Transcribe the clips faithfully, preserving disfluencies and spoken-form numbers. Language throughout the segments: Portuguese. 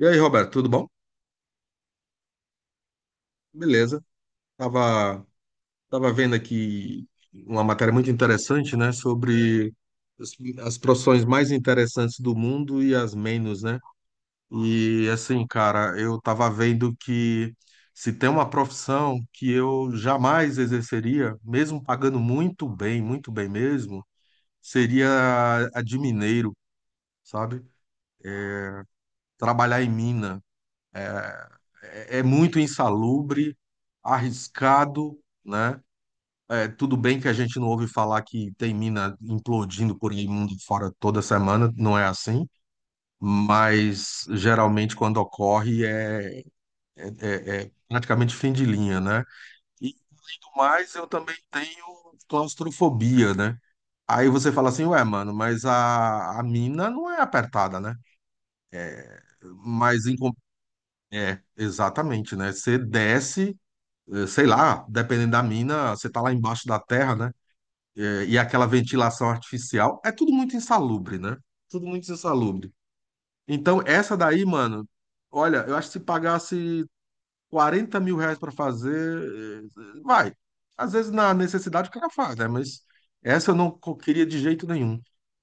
E aí, Roberto, tudo bom? Beleza. Tava, tava vendo aqui uma matéria muito interessante, né, sobre as, as profissões mais interessantes do mundo e as menos, né? E assim, cara, eu tava vendo que se tem uma profissão que eu jamais exerceria, mesmo pagando muito bem, muito bem mesmo, seria a de mineiro, sabe? Trabalhar em mina. É, é muito insalubre, arriscado, né? É, tudo bem que a gente não ouve falar que tem mina implodindo por aí mundo fora toda semana, não é assim, mas geralmente quando ocorre é, é- é praticamente fim de linha, né? E além do mais, eu também tenho claustrofobia, né? Aí você fala assim, ué, mano, mas a, a mina não é apertada, né? Mas em, com- é, exatamente, né? Você desce, eh, sei lá, dependendo da mina, você tá lá embaixo da terra, né? E aquela ventilação artificial, é tudo muito insalubre, né? Tudo muito insalubre. Então, essa daí, mano, olha, eu acho que se pagasse quarenta mil reais para fazer, eh, vai. Às vezes, na necessidade, o cara faz, né? Mas essa eu não co- queria de jeito nenhum.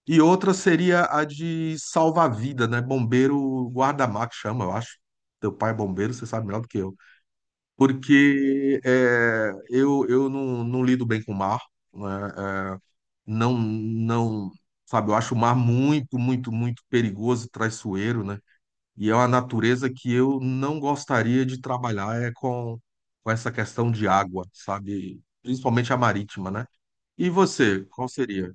E outra seria a de salva-vida, né? Bombeiro guarda-mar, que chama, eu acho. Teu pai é bombeiro, você sabe melhor do que eu. Porque eh, eu, eu não, não lido bem com o mar, né? Eh, não, não, sabe, eu acho o mar muito, muito, muito perigoso e traiçoeiro, né? E é uma natureza que eu não gostaria de trabalhar é com, com essa questão de água, sabe? Principalmente a marítima, né? E você, qual seria?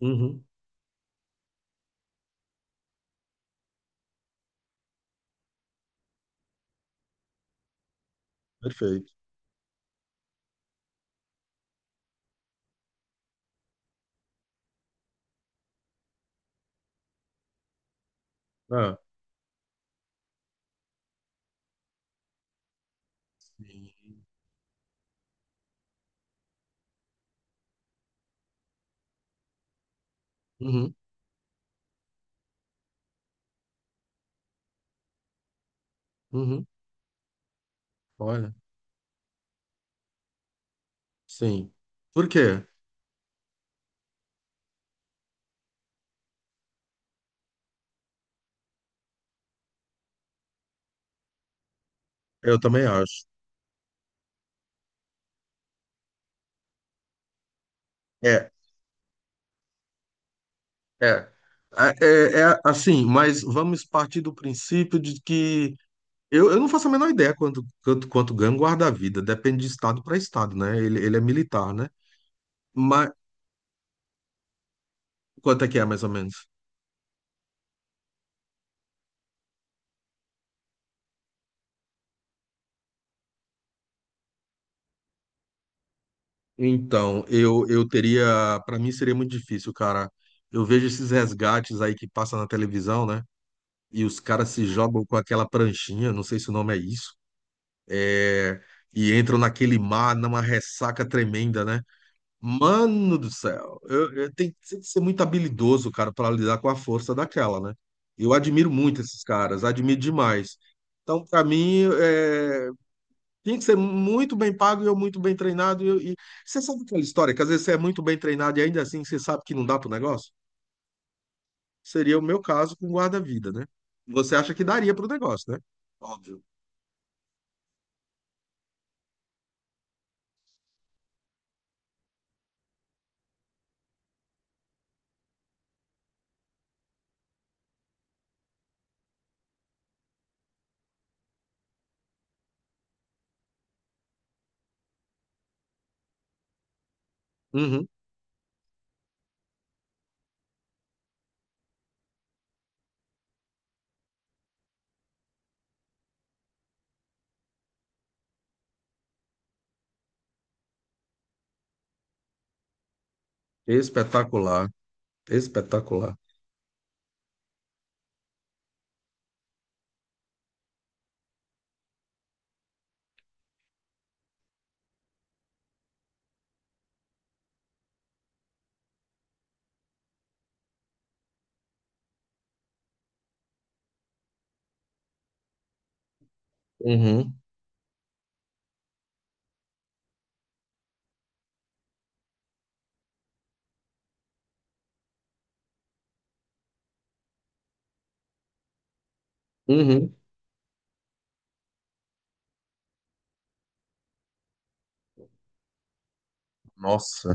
Uhum, perfeito. Ah, sim. Uhum, uhum. Olha, sim. Por quê? Eu também acho. É, é. É, é, é assim, mas vamos partir do princípio de que Eu, eu não faço a menor ideia quanto, quanto, quanto ganha um guarda-vida. Depende de estado para estado, né? Ele, ele é militar, né? Mas quanto é que é, mais ou menos? Então, eu, eu teria. Para mim seria muito difícil, cara. Eu vejo esses resgates aí que passam na televisão, né? E os caras se jogam com aquela pranchinha, não sei se o nome é isso, é, e entram naquele mar, numa ressaca tremenda, né? Mano do céu, eu, eu tem, tem que ser muito habilidoso, cara, para lidar com a força daquela, né? Eu admiro muito esses caras, admiro demais. Então, para mim, é, tem que ser muito bem pago e eu muito bem treinado. E, eu- e- você sabe aquela história que às vezes você é muito bem treinado e ainda assim você sabe que não dá pro negócio? Seria o meu caso com guarda-vida, né? Você acha que daria pro negócio, né? Óbvio. Uhum. Espetacular, espetacular. Uhum. Uhum. Nossa.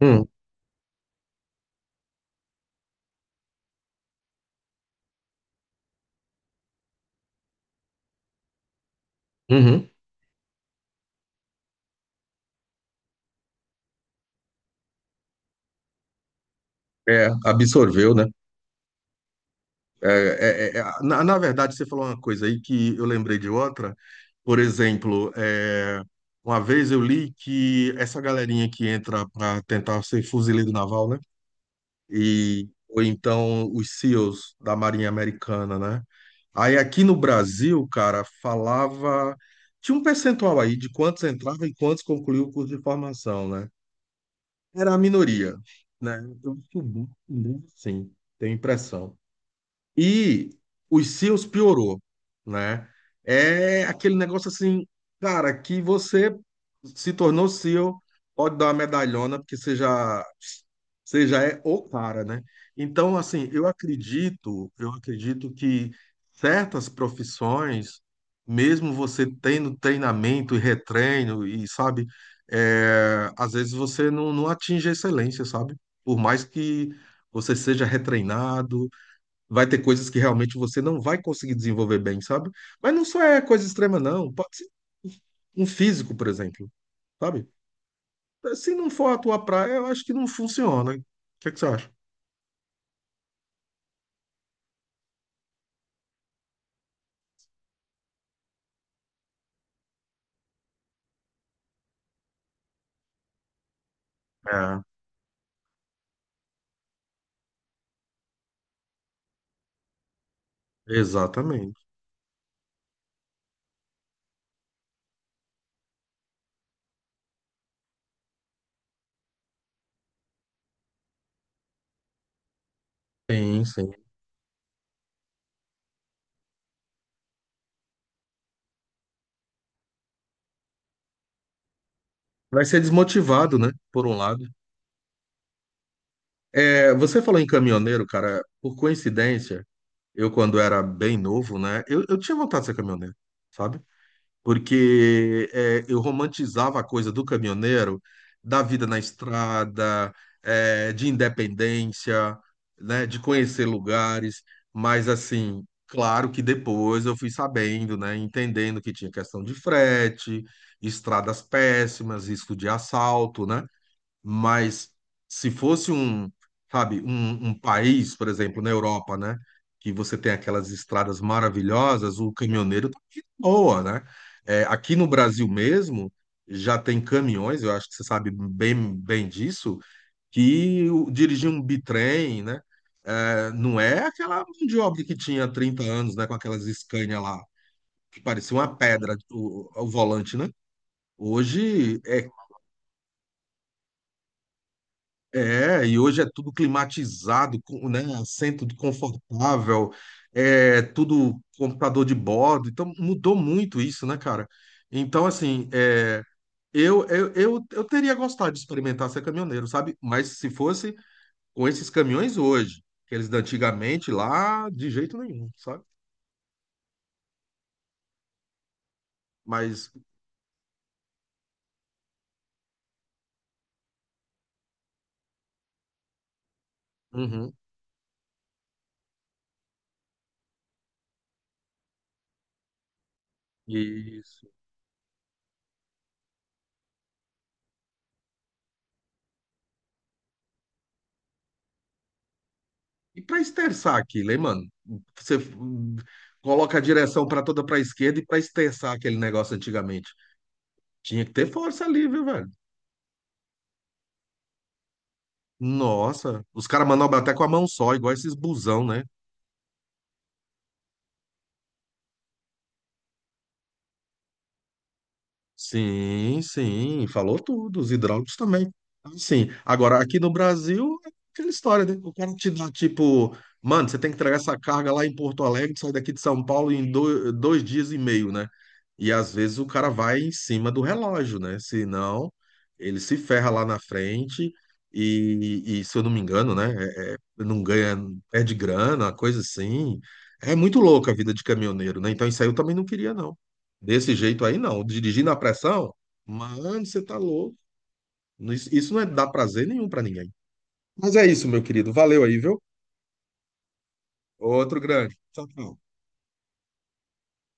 Hum. Uhum. É, absorveu, né? É, é, é, é, na, na verdade, você falou uma coisa aí que eu lembrei de outra. Por exemplo, é, uma vez eu li que essa galerinha que entra para tentar ser fuzileiro naval, né? E, ou então os SEALs da Marinha Americana, né? Aí aqui no Brasil, cara, falava. Tinha um percentual aí de quantos entravam e quantos concluíam o curso de formação, né? Era a minoria, né? Eu, eu, eu, sim, tenho impressão. E os seus piorou, né? É aquele negócio assim, cara, que você se tornou seu, pode dar uma medalhona, porque você já, você já é o cara, né? Então, assim, eu acredito, eu acredito que certas profissões, mesmo você tendo treinamento e retreino, e sabe, é, às vezes você não, não atinge a excelência, sabe? Por mais que você seja retreinado vai ter coisas que realmente você não vai conseguir desenvolver bem, sabe? Mas não só é coisa extrema, não. Pode ser um um físico, por exemplo, sabe? Se não for a tua praia, eu acho que não funciona. O que é que você acha? É, exatamente. Sim, sim. Vai ser desmotivado, né? Por um lado. É, você falou em caminhoneiro, cara. Por coincidência, eu, quando era bem novo, né? Eu, eu tinha vontade de ser caminhoneiro, sabe? Porque é, eu romantizava a coisa do caminhoneiro, da vida na estrada, é, de independência, né, de conhecer lugares, mas assim, claro que depois eu fui sabendo, né, entendendo que tinha questão de frete, estradas péssimas, risco de assalto, né? Mas se fosse um, sabe, um, um país, por exemplo, na Europa, né? Que você tem aquelas estradas maravilhosas, o caminhoneiro tá de boa, né? É, aqui no Brasil mesmo, já tem caminhões, eu acho que você sabe bem, bem disso, que o- dirigir um bitrem, né? é, não é aquela mão de obra que tinha trinta anos, né? Com aquelas Scania lá, que parecia uma pedra, o, o volante, né? Hoje é É, e hoje é tudo climatizado, com, né? Assento confortável, é tudo computador de bordo. Então mudou muito isso, né, cara? Então, assim, é, eu, eu, eu, eu teria gostado de experimentar ser caminhoneiro, sabe? Mas se fosse com esses caminhões hoje, aqueles de antigamente lá, de jeito nenhum, sabe? Mas, uhum, isso. E para esterçar aquilo, hein, mano? Você hum, coloca a direção para toda para a esquerda e para esterçar aquele negócio antigamente. Tinha que ter força ali, viu, velho? Nossa, os caras manobram até com a mão só, igual esses busão, né? Sim, sim, falou tudo, os hidráulicos também. Sim, agora aqui no Brasil é aquela história, né? O cara te dá tipo, mano, você tem que entregar essa carga lá em Porto Alegre, sai daqui de São Paulo em do- dois, dias e meio, né? E às vezes o cara vai em cima do relógio, né? Senão ele se ferra lá na frente e, e se eu não me engano, né? é- é, não ganha, perde grana, uma coisa assim. É muito louco a vida de caminhoneiro, né? Então isso aí eu também não queria, não. Desse jeito aí, não. Dirigir na pressão? Mano, você tá louco. Isso isso não é dar prazer nenhum pra ninguém. Mas é isso, meu querido. Valeu aí, viu? Outro grande. Tchau, tchau.